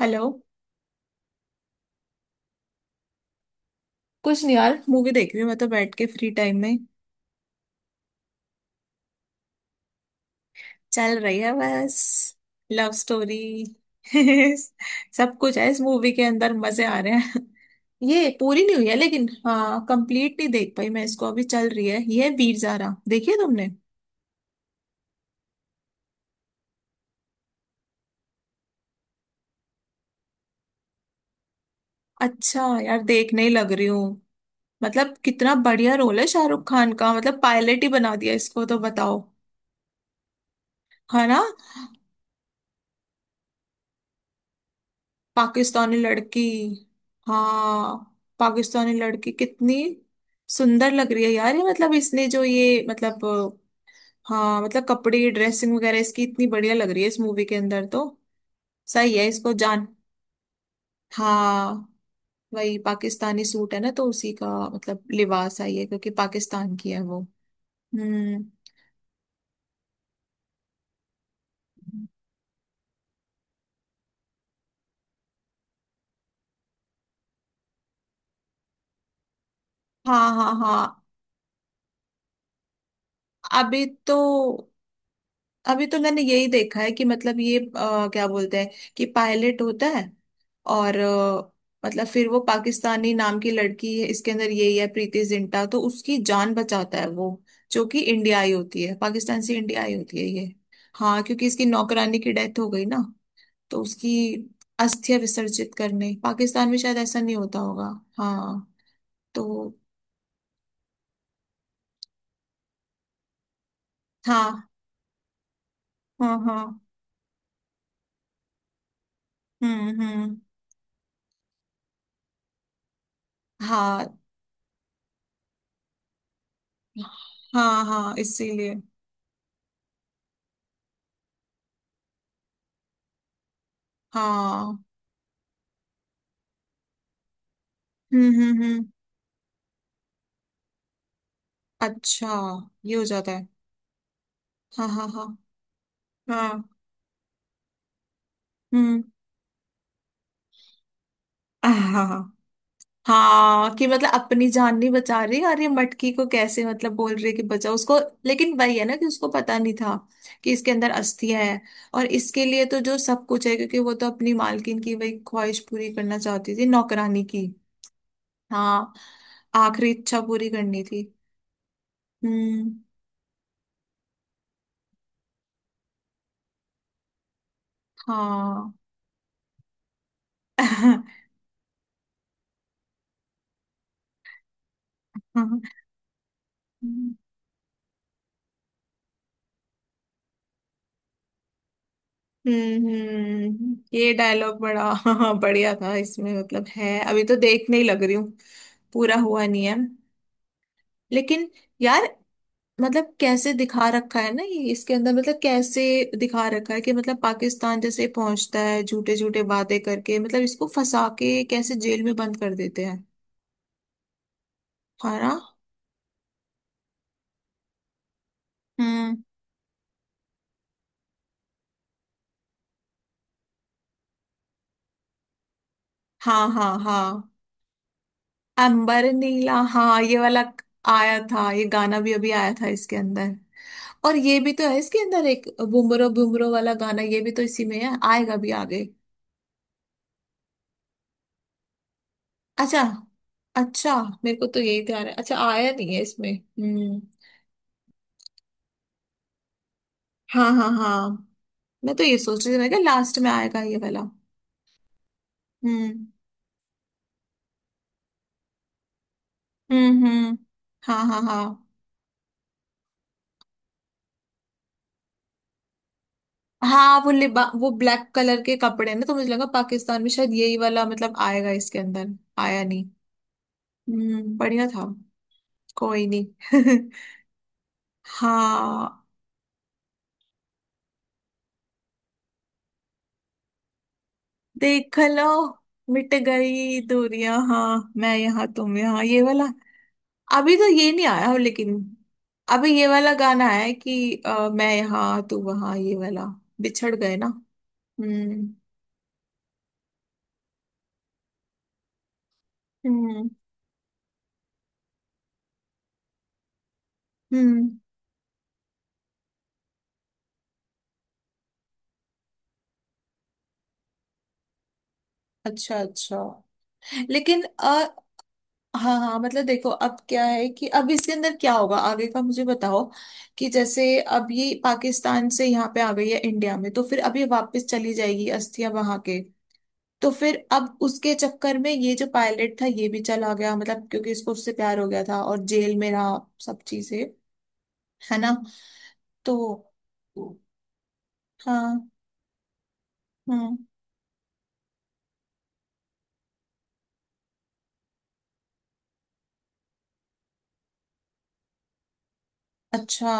Hello. कुछ नहीं यार, मूवी देख रही हूँ मैं तो बैठ के फ्री टाइम में। चल रही है बस लव स्टोरी। सब कुछ है इस मूवी के अंदर, मजे आ रहे हैं। ये पूरी नहीं हुई है लेकिन हाँ, कंप्लीट नहीं देख पाई मैं इसको, अभी चल रही है ये, है वीर ज़ारा, देखी है तुमने? अच्छा यार, देखने ही लग रही हूँ। मतलब कितना बढ़िया रोल है शाहरुख खान का, मतलब पायलट ही बना दिया इसको तो, बताओ। है ना। पाकिस्तानी लड़की। हाँ। पाकिस्तानी लड़की कितनी सुंदर लग रही है यार ये, मतलब इसने जो, ये मतलब हाँ मतलब कपड़े, ड्रेसिंग वगैरह इसकी इतनी बढ़िया लग रही है इस मूवी के अंदर तो। सही है इसको जान। हाँ। वही पाकिस्तानी सूट है ना, तो उसी का मतलब लिबास आई है क्योंकि पाकिस्तान की है वो। हम्म। हाँ हाँ हाँ। अभी तो, अभी तो मैंने यही देखा है कि मतलब ये क्या बोलते हैं कि पायलट होता है, और मतलब फिर वो पाकिस्तानी नाम की लड़की है इसके अंदर, यही है प्रीति जिंटा, तो उसकी जान बचाता है वो, जो कि इंडिया आई होती है, पाकिस्तान से इंडिया आई होती है ये। हाँ क्योंकि इसकी नौकरानी की डेथ हो गई ना, तो उसकी अस्थियां विसर्जित करने, पाकिस्तान में शायद ऐसा नहीं होता होगा। हाँ। तो। हाँ हाँ हाँ। हम्म। हाँ हाँ हाँ इसीलिए। हाँ। हम्म। अच्छा। ये हो जाता है। हाँ हाँ हाँ। हाँ। हम्म। हाँ हाँ हाँ, कि मतलब अपनी जान नहीं बचा रही और ये मटकी को कैसे, मतलब बोल रही है कि बचाओ उसको। लेकिन वही है ना, कि उसको पता नहीं था कि इसके अंदर अस्थियां है। और इसके लिए तो जो सब कुछ है, क्योंकि वो तो अपनी मालकिन की वही ख्वाहिश पूरी करना चाहती थी, नौकरानी की। हाँ। आखिरी इच्छा पूरी करनी थी। हम्म। हाँ। हाँ। ये डायलॉग बड़ा, हाँ बढ़िया था इसमें, मतलब है, अभी तो देखने ही लग रही हूँ। पूरा हुआ नहीं है लेकिन। यार मतलब कैसे दिखा रखा है ना ये, इसके अंदर मतलब कैसे दिखा रखा है कि मतलब पाकिस्तान जैसे पहुंचता है, झूठे झूठे वादे करके मतलब, इसको फंसा के कैसे जेल में बंद कर देते हैं। है ना। हम्म। हाँ हाँ हाँ। अंबर नीला हाँ, ये वाला आया था, ये गाना भी अभी आया था इसके अंदर। और ये भी तो है इसके अंदर एक, बुमरो बुमरो वाला गाना, ये भी तो इसी में है, आएगा भी आगे। अच्छा। अच्छा। मेरे को तो यही ध्यान है, अच्छा आया नहीं है इसमें। हम्म। हाँ हाँ हाँ। मैं तो ये सोच रही थी, मैं क्या लास्ट में आएगा ये वाला। हम्म हम्म। हाँ हाँ हाँ। हाँ वो लिबा, वो ब्लैक कलर के कपड़े हैं ना, तो मुझे लगा पाकिस्तान में शायद यही वाला मतलब आएगा इसके अंदर। आया नहीं। बढ़िया था। कोई नहीं। हाँ। देख लो। मिट गई दूरियां हाँ, मैं यहाँ तुम यहाँ, ये वाला। अभी तो ये नहीं आया लेकिन, अभी ये वाला गाना है कि मैं यहाँ तू वहाँ, ये वाला। बिछड़ गए ना। हम्म हम्म हम्म। अच्छा अच्छा। लेकिन हाँ हाँ, मतलब देखो अब क्या है कि अब इसके अंदर क्या होगा आगे का, मुझे बताओ, कि जैसे अब ये पाकिस्तान से यहाँ पे आ गई है इंडिया में, तो फिर अब ये वापस चली जाएगी अस्थियां वहां के, तो फिर अब उसके चक्कर में ये जो पायलट था ये भी चला गया मतलब, क्योंकि इसको उससे प्यार हो गया था और जेल में रहा सब चीजें। है ना। तो हाँ। हम्म। अच्छा।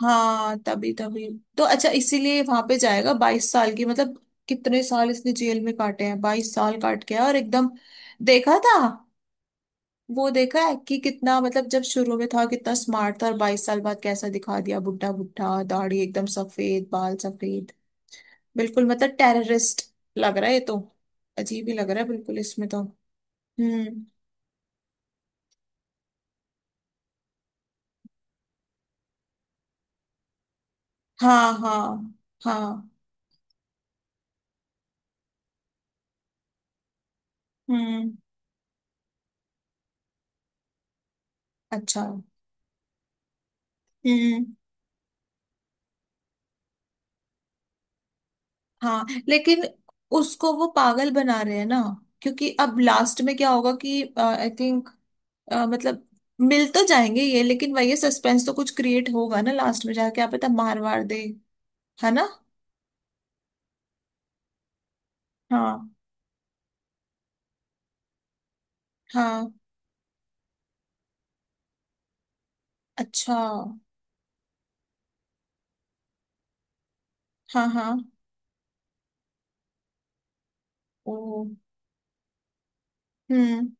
हाँ तभी तभी। तो अच्छा इसीलिए वहां पे जाएगा 22 साल की मतलब, कितने साल इसने जेल में काटे हैं, 22 साल काट के आया, और एकदम देखा था, वो देखा है कि कितना मतलब, जब शुरू में था कितना स्मार्ट था, और 22 साल बाद कैसा दिखा दिया, बुढ़ा बुढ़ा, दाढ़ी एकदम सफेद, बाल सफेद। बिल्कुल मतलब टेररिस्ट लग रहा है ये तो, अजीब ही लग रहा है बिल्कुल इसमें तो। हम्म। हाँ हाँ हाँ। हम्म। अच्छा। हम्म। हाँ लेकिन उसको वो पागल बना रहे हैं ना, क्योंकि अब लास्ट में क्या होगा कि आई थिंक मतलब मिल तो जाएंगे ये, लेकिन वही सस्पेंस तो कुछ क्रिएट होगा ना लास्ट में जाके, आप पता मार वार दे। है ना। हाँ हाँ। अच्छा। हाँ हाँ। ओ। हम्म।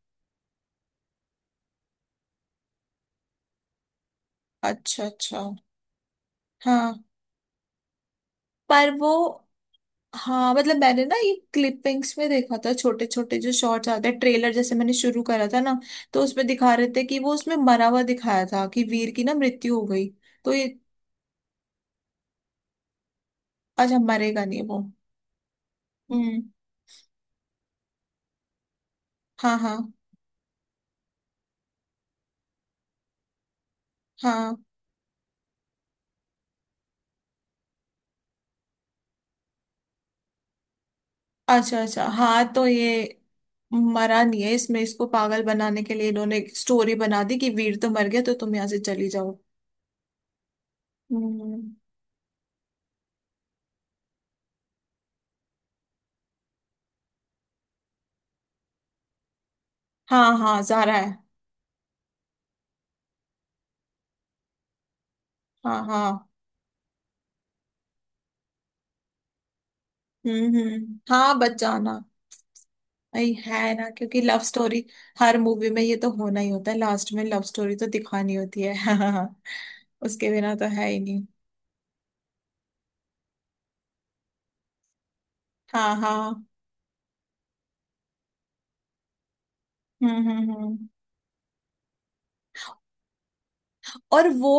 अच्छा अच्छा। हाँ पर वो, हाँ मतलब मैंने ना ये क्लिपिंग्स में देखा था, छोटे छोटे जो शॉर्ट्स आते हैं ट्रेलर जैसे, मैंने शुरू करा था ना, तो उसमें दिखा रहे थे कि वो उसमें मरा हुआ दिखाया था, कि वीर की ना मृत्यु हो गई। तो ये। अच्छा मरेगा नहीं वो। हम्म। हाँ हाँ हाँ। अच्छा अच्छा हाँ, तो ये मरा नहीं है इसमें, इसको पागल बनाने के लिए इन्होंने एक स्टोरी बना दी कि वीर तो मर गया, तो तुम यहाँ से चली जाओ। हम्म। हाँ हाँ जारा है। हाँ हाँ। हम्म, हाँ बच जाना। भाई है ना, क्योंकि लव स्टोरी हर मूवी में ये तो होना ही होता है, लास्ट में लव स्टोरी तो दिखानी होती है। हाँ। उसके बिना तो है ही नहीं। हाँ हाँ। हम्म। और वो,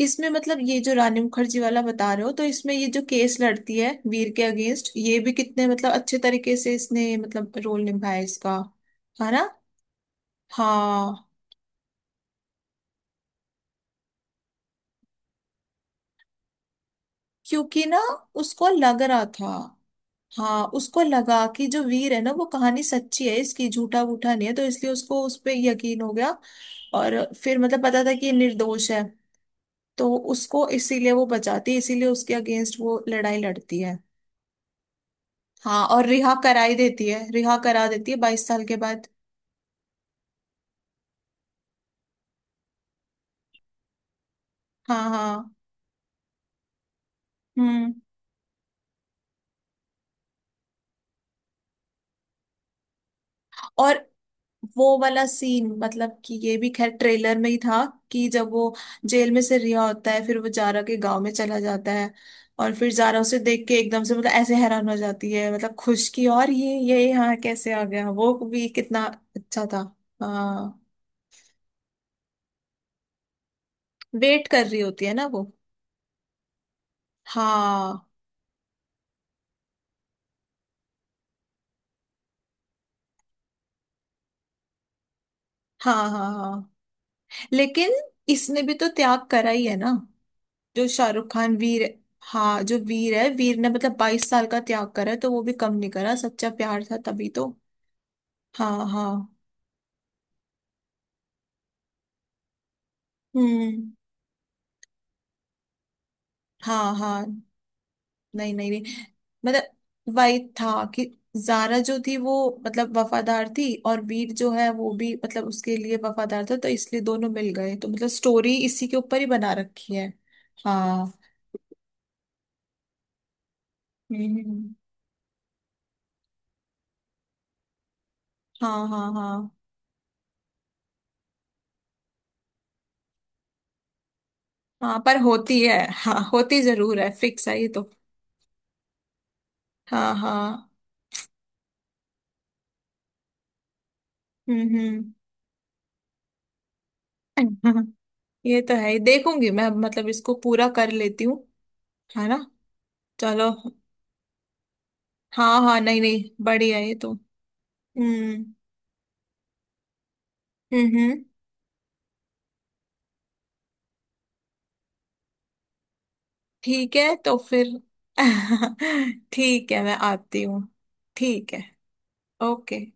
इसमें मतलब ये जो रानी मुखर्जी वाला बता रहे हो, तो इसमें ये जो केस लड़ती है वीर के अगेंस्ट, ये भी कितने मतलब अच्छे तरीके से इसने मतलब रोल निभाया इसका। है ना। हाँ। क्योंकि ना उसको लग रहा था, हाँ उसको लगा कि जो वीर है ना, वो कहानी सच्ची है इसकी, झूठा वूठा नहीं है, तो इसलिए उसको उस पे यकीन हो गया। और फिर मतलब पता था कि ये निर्दोष है, तो उसको इसीलिए वो बचाती है, इसीलिए उसके अगेंस्ट वो लड़ाई लड़ती है। हाँ, और रिहा करा ही देती है, रिहा करा देती है 22 साल के बाद। हाँ हाँ। हम्म। और वो वाला सीन मतलब, कि ये भी खैर ट्रेलर में ही था, कि जब वो जेल में से रिहा होता है, फिर वो जारा के गांव में चला जाता है, और फिर जारा उसे देख के एकदम से मतलब ऐसे हैरान हो जाती है मतलब, खुश की और ये यहाँ कैसे आ गया, वो भी कितना अच्छा था। हाँ वेट कर रही होती है ना वो। हाँ हाँ हाँ हाँ। लेकिन इसने भी तो त्याग करा ही है ना, जो शाहरुख खान वीर, हाँ जो वीर है, वीर ने मतलब 22 साल का त्याग करा है, तो वो भी कम नहीं करा, सच्चा प्यार था तभी तो। हाँ हाँ। हम्म। हाँ हाँ। नहीं नहीं नहीं, मतलब वही था कि जारा जो थी वो मतलब वफादार थी, और वीर जो है वो भी मतलब उसके लिए वफादार था, तो इसलिए दोनों मिल गए, तो मतलब स्टोरी इसी के ऊपर ही बना रखी है। हाँ। हम्म। हाँ हाँ हाँ। हाँ पर होती है, हाँ होती जरूर है, फिक्स है ये तो। हाँ हाँ। हम्म हम्म। ये तो है ही, देखूंगी मैं, मतलब इसको पूरा कर लेती हूँ। है ना। चलो। हाँ हाँ नहीं नहीं बढ़िया है ये तो। हम्म हम्म हम्म, ठीक है तो फिर। ठीक है, मैं आती हूँ। ठीक है। ओके।